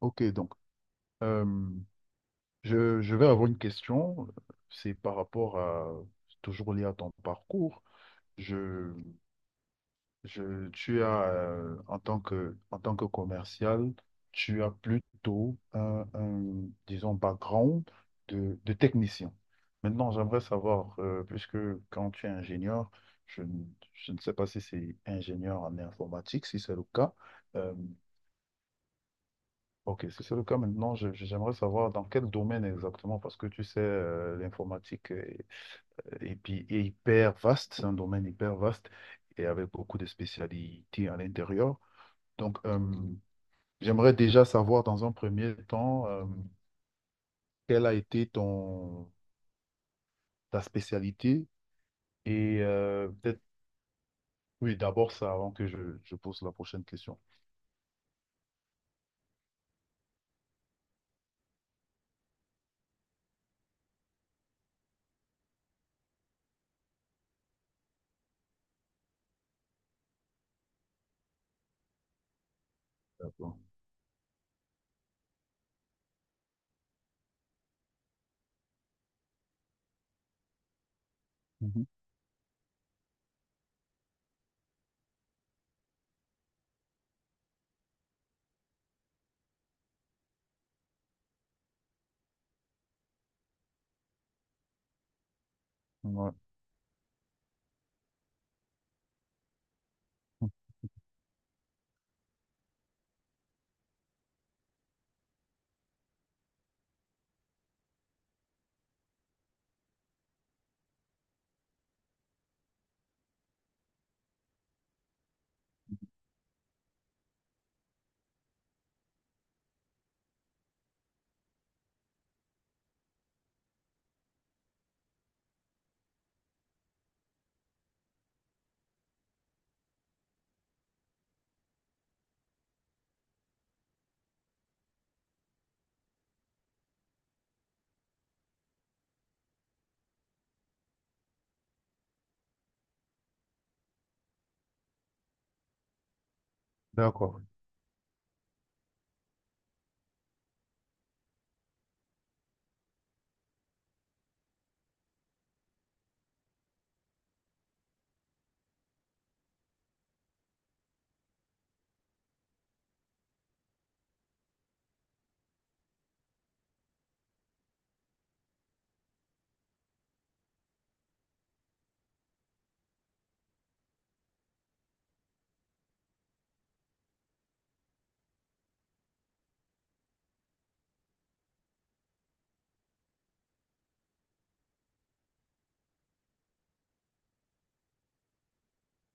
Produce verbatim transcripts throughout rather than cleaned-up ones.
Ok, donc euh, je, je vais avoir une question. C'est par rapport à, c'est toujours lié à ton parcours. Je, je, tu as, euh, en tant que, en tant que commercial, tu as plutôt un, un, disons, background de, de technicien. Maintenant, j'aimerais savoir, euh, puisque quand tu es ingénieur, je, ne- je ne sais pas si c'est ingénieur en informatique, si c'est le cas, euh, Ok, si c'est le cas maintenant, je- je- j'aimerais savoir dans quel domaine exactement, parce que tu sais, euh, l'informatique est, euh, est pi- est hyper vaste, c'est un domaine hyper vaste et avec beaucoup de spécialités à l'intérieur. Donc, euh, j'aimerais déjà savoir dans un premier temps, euh, quelle a été ton, ta spécialité et euh, peut-être. Oui, d'abord ça avant que je, je pose la prochaine question. D'accord. Mhm. Ouais. D'accord.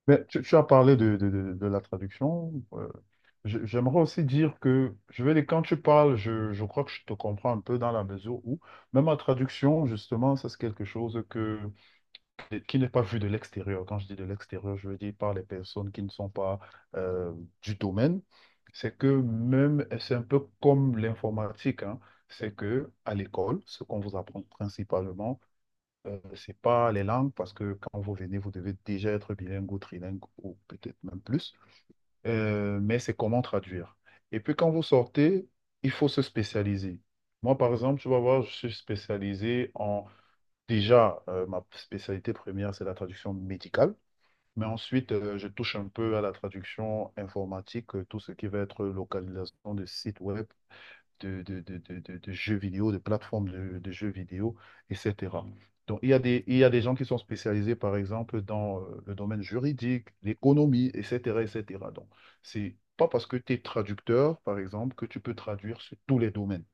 Mais tu, tu as parlé de, de, de- de la traduction. euh, je- j'aimerais aussi dire que, je vais dire, quand tu parles, je, je crois que je te comprends un peu dans la mesure où, même en traduction, justement, ça c'est quelque chose que de- qui n'est pas vu de l'extérieur. Quand je dis de l'extérieur, je veux dire par les personnes qui ne sont pas euh, du domaine. C'est que même, c'est un peu comme l'informatique, hein. C'est que à l'école, ce qu'on vous apprend principalement, euh, c'est pas les langues, parce que quand vous venez, vous devez déjà être bilingue ou trilingue, ou peut-être même plus. Euh, mais c'est comment traduire. Et puis quand vous sortez, il faut se spécialiser. Moi, par exemple, tu vas voir, je suis spécialisé. Déjà, euh, ma spécialité première, c'est la traduction médicale. Mais ensuite, euh, je touche un peu à la traduction informatique, euh, tout ce qui va être localisation de sites web, de, de, de- de- de- de jeux vidéo, de plateformes de, de jeux vidéo, et cetera. Donc, il y a des, il y a des gens qui sont spécialisés, par exemple, dans euh, le domaine juridique, l'économie, et cetera, et cetera Donc, c'est pas parce que tu es traducteur, par exemple, que tu peux traduire sur tous les domaines.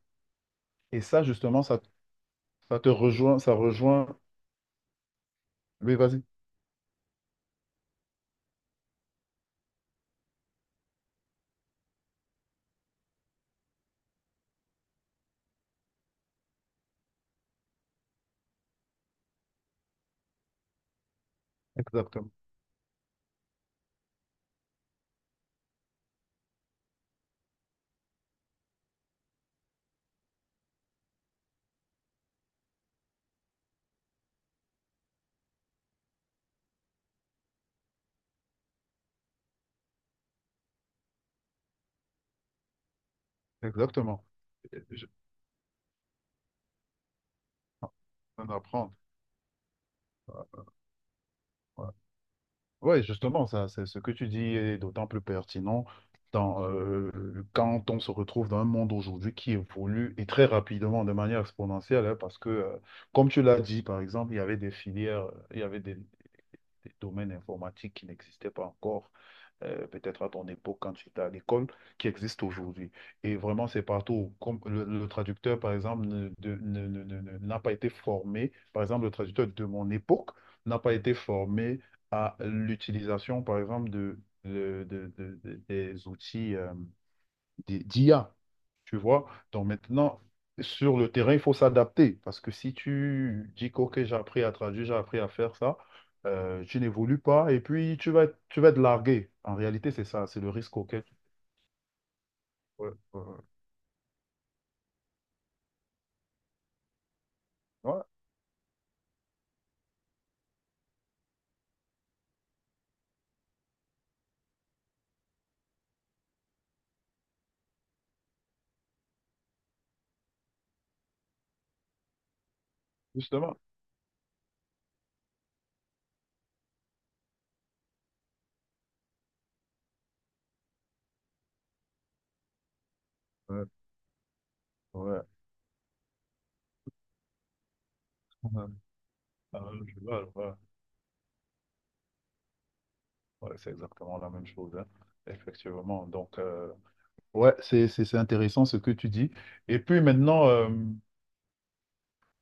Et ça, justement, ça, ça te rejoint, ça rejoint. Oui, vas-y. Exactement. Exactement. Et je- On apprend. Oui, justement, ça, c'est ce que tu dis est d'autant plus pertinent dans, euh, quand on se retrouve dans un monde aujourd'hui qui évolue et très rapidement, de manière exponentielle, hein, parce que, euh, comme tu l'as dit, par exemple, il y avait des filières, euh, il y avait des, des domaines informatiques qui n'existaient pas encore. euh, peut-être à ton époque quand tu étais à l'école, qui existe aujourd'hui. Et vraiment, c'est partout. Comme le, le traducteur, par exemple, ne- de- ne- ne- ne- ne- n'a pas été formé, par exemple, le traducteur de mon époque n'a pas été formé à l'utilisation, par exemple, de, de- de- de- de- des outils euh, d'I A. Tu vois? Donc maintenant, sur le terrain, il faut s'adapter. Parce que si tu dis que OK, j'ai appris à traduire, j'ai appris à faire ça, euh, tu n'évolues pas et puis tu vas, être- tu vas être largué. En réalité, c'est ça, c'est le risque auquel tu. Ouais, ouais, ouais. Ouais, justement. Ouais, ouais. Ouais. Ah, je vois, je vois. Ouais, c'est exactement la même chose, hein. Effectivement. Donc, euh, ouais, c'est, c'est, c'est intéressant ce que tu dis. Et puis maintenant. euh,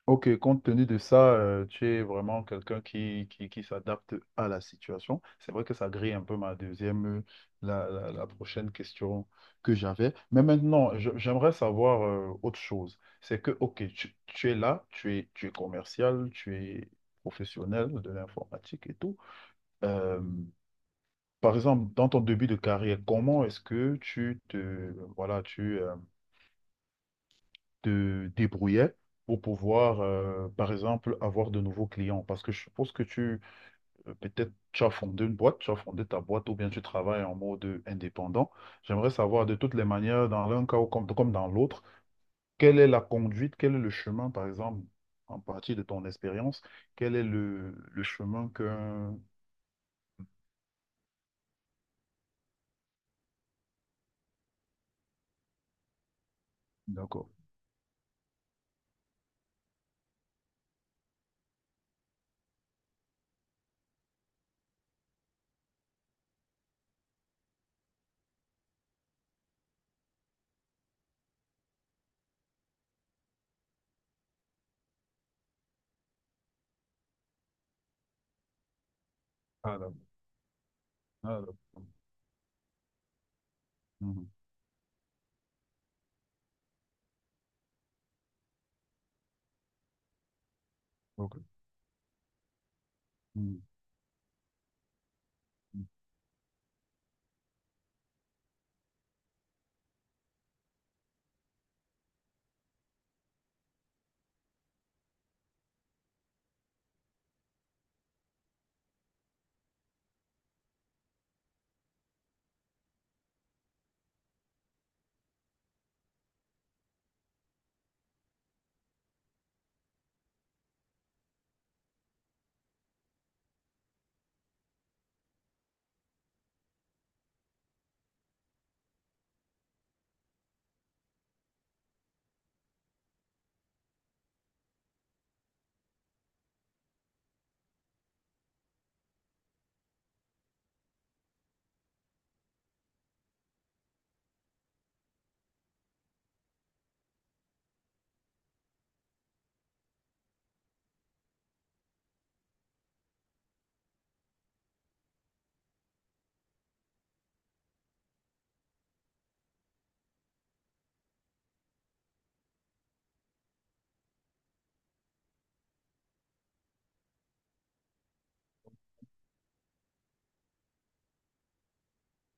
Ok, compte tenu de ça, euh, tu es vraiment quelqu'un qui, qui, qui s'adapte à la situation. C'est vrai que ça grille un peu ma deuxième, euh, la, la, la prochaine question que j'avais. Mais maintenant, je- j'aimerais savoir euh, autre chose. C'est que, ok, tu, tu es là, tu es, tu es commercial, tu es professionnel de l'informatique et tout. Euh, par exemple, dans ton début de carrière, comment est-ce que tu te, voilà, tu, euh, te débrouillais pour pouvoir, euh, par exemple, avoir de nouveaux clients? Parce que je suppose que tu, euh, peut-être, tu as fondé une boîte, tu as fondé ta boîte ou bien tu travailles en mode indépendant. J'aimerais savoir de toutes les manières, dans l'un cas ou comme, comme dans l'autre, quelle est la conduite, quel est le chemin, par exemple, en partie de ton expérience, quel est le, le chemin que. D'accord. Ah, d'accord. Ah, d'accord. Mhm. Ok. Mhm. Mhm.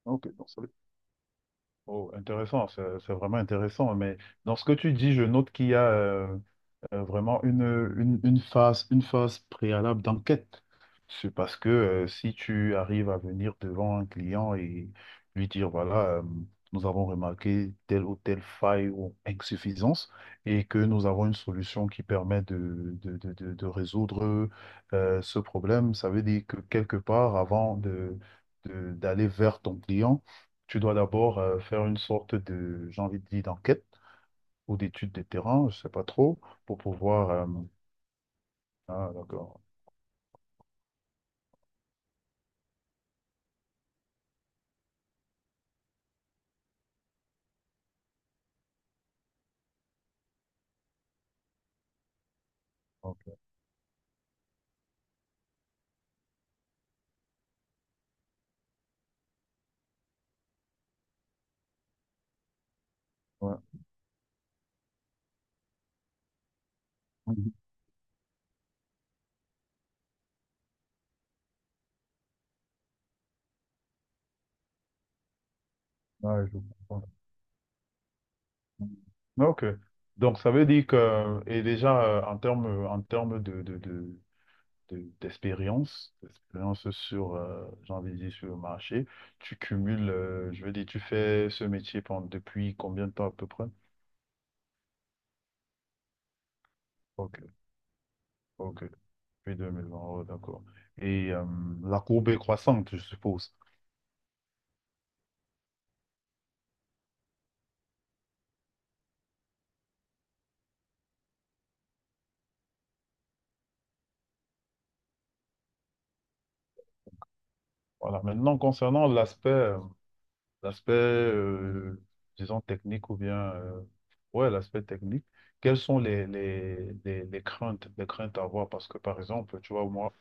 Ok, donc ça veut. Oh, intéressant, c'est c'est vraiment intéressant. Mais dans ce que tu dis, je note qu'il y a, euh, euh, vraiment une, une, une phase, une phase préalable d'enquête. C'est parce que euh, si tu arrives à venir devant un client et lui dire, voilà, euh, nous avons remarqué telle ou telle faille ou insuffisance et que nous avons une solution qui permet de, de, de- de- de résoudre euh, ce problème, ça veut dire que quelque part, avant de, de- d'aller vers ton client, tu dois d'abord euh, faire une sorte de, j'ai envie de dire, d'enquête ou d'études des terrains, je sais pas trop, pour pouvoir. euh, Ah, d'accord. Ok. Ouais. Mhm. Ouais, je comprends. Mhm. Ok. Donc, ça veut dire que, et déjà, euh, en termes, en termes de, de, de- de- d'expérience, d'expérience sur, euh, j'ai envie de dire, sur le marché, tu cumules, euh, je veux dire, tu fais ce métier pendant, depuis combien de temps à peu près? Ok, ok, depuis deux mille vingt, oh, d'accord. Et euh, la courbe est croissante, je suppose. Voilà, maintenant, concernant l'aspect euh, L'aspect, euh, disons, technique ou bien, euh, ouais, l'aspect technique. Quelles sont les, les, les, les craintes, les craintes à avoir? Parce que, par exemple, tu vois, moi,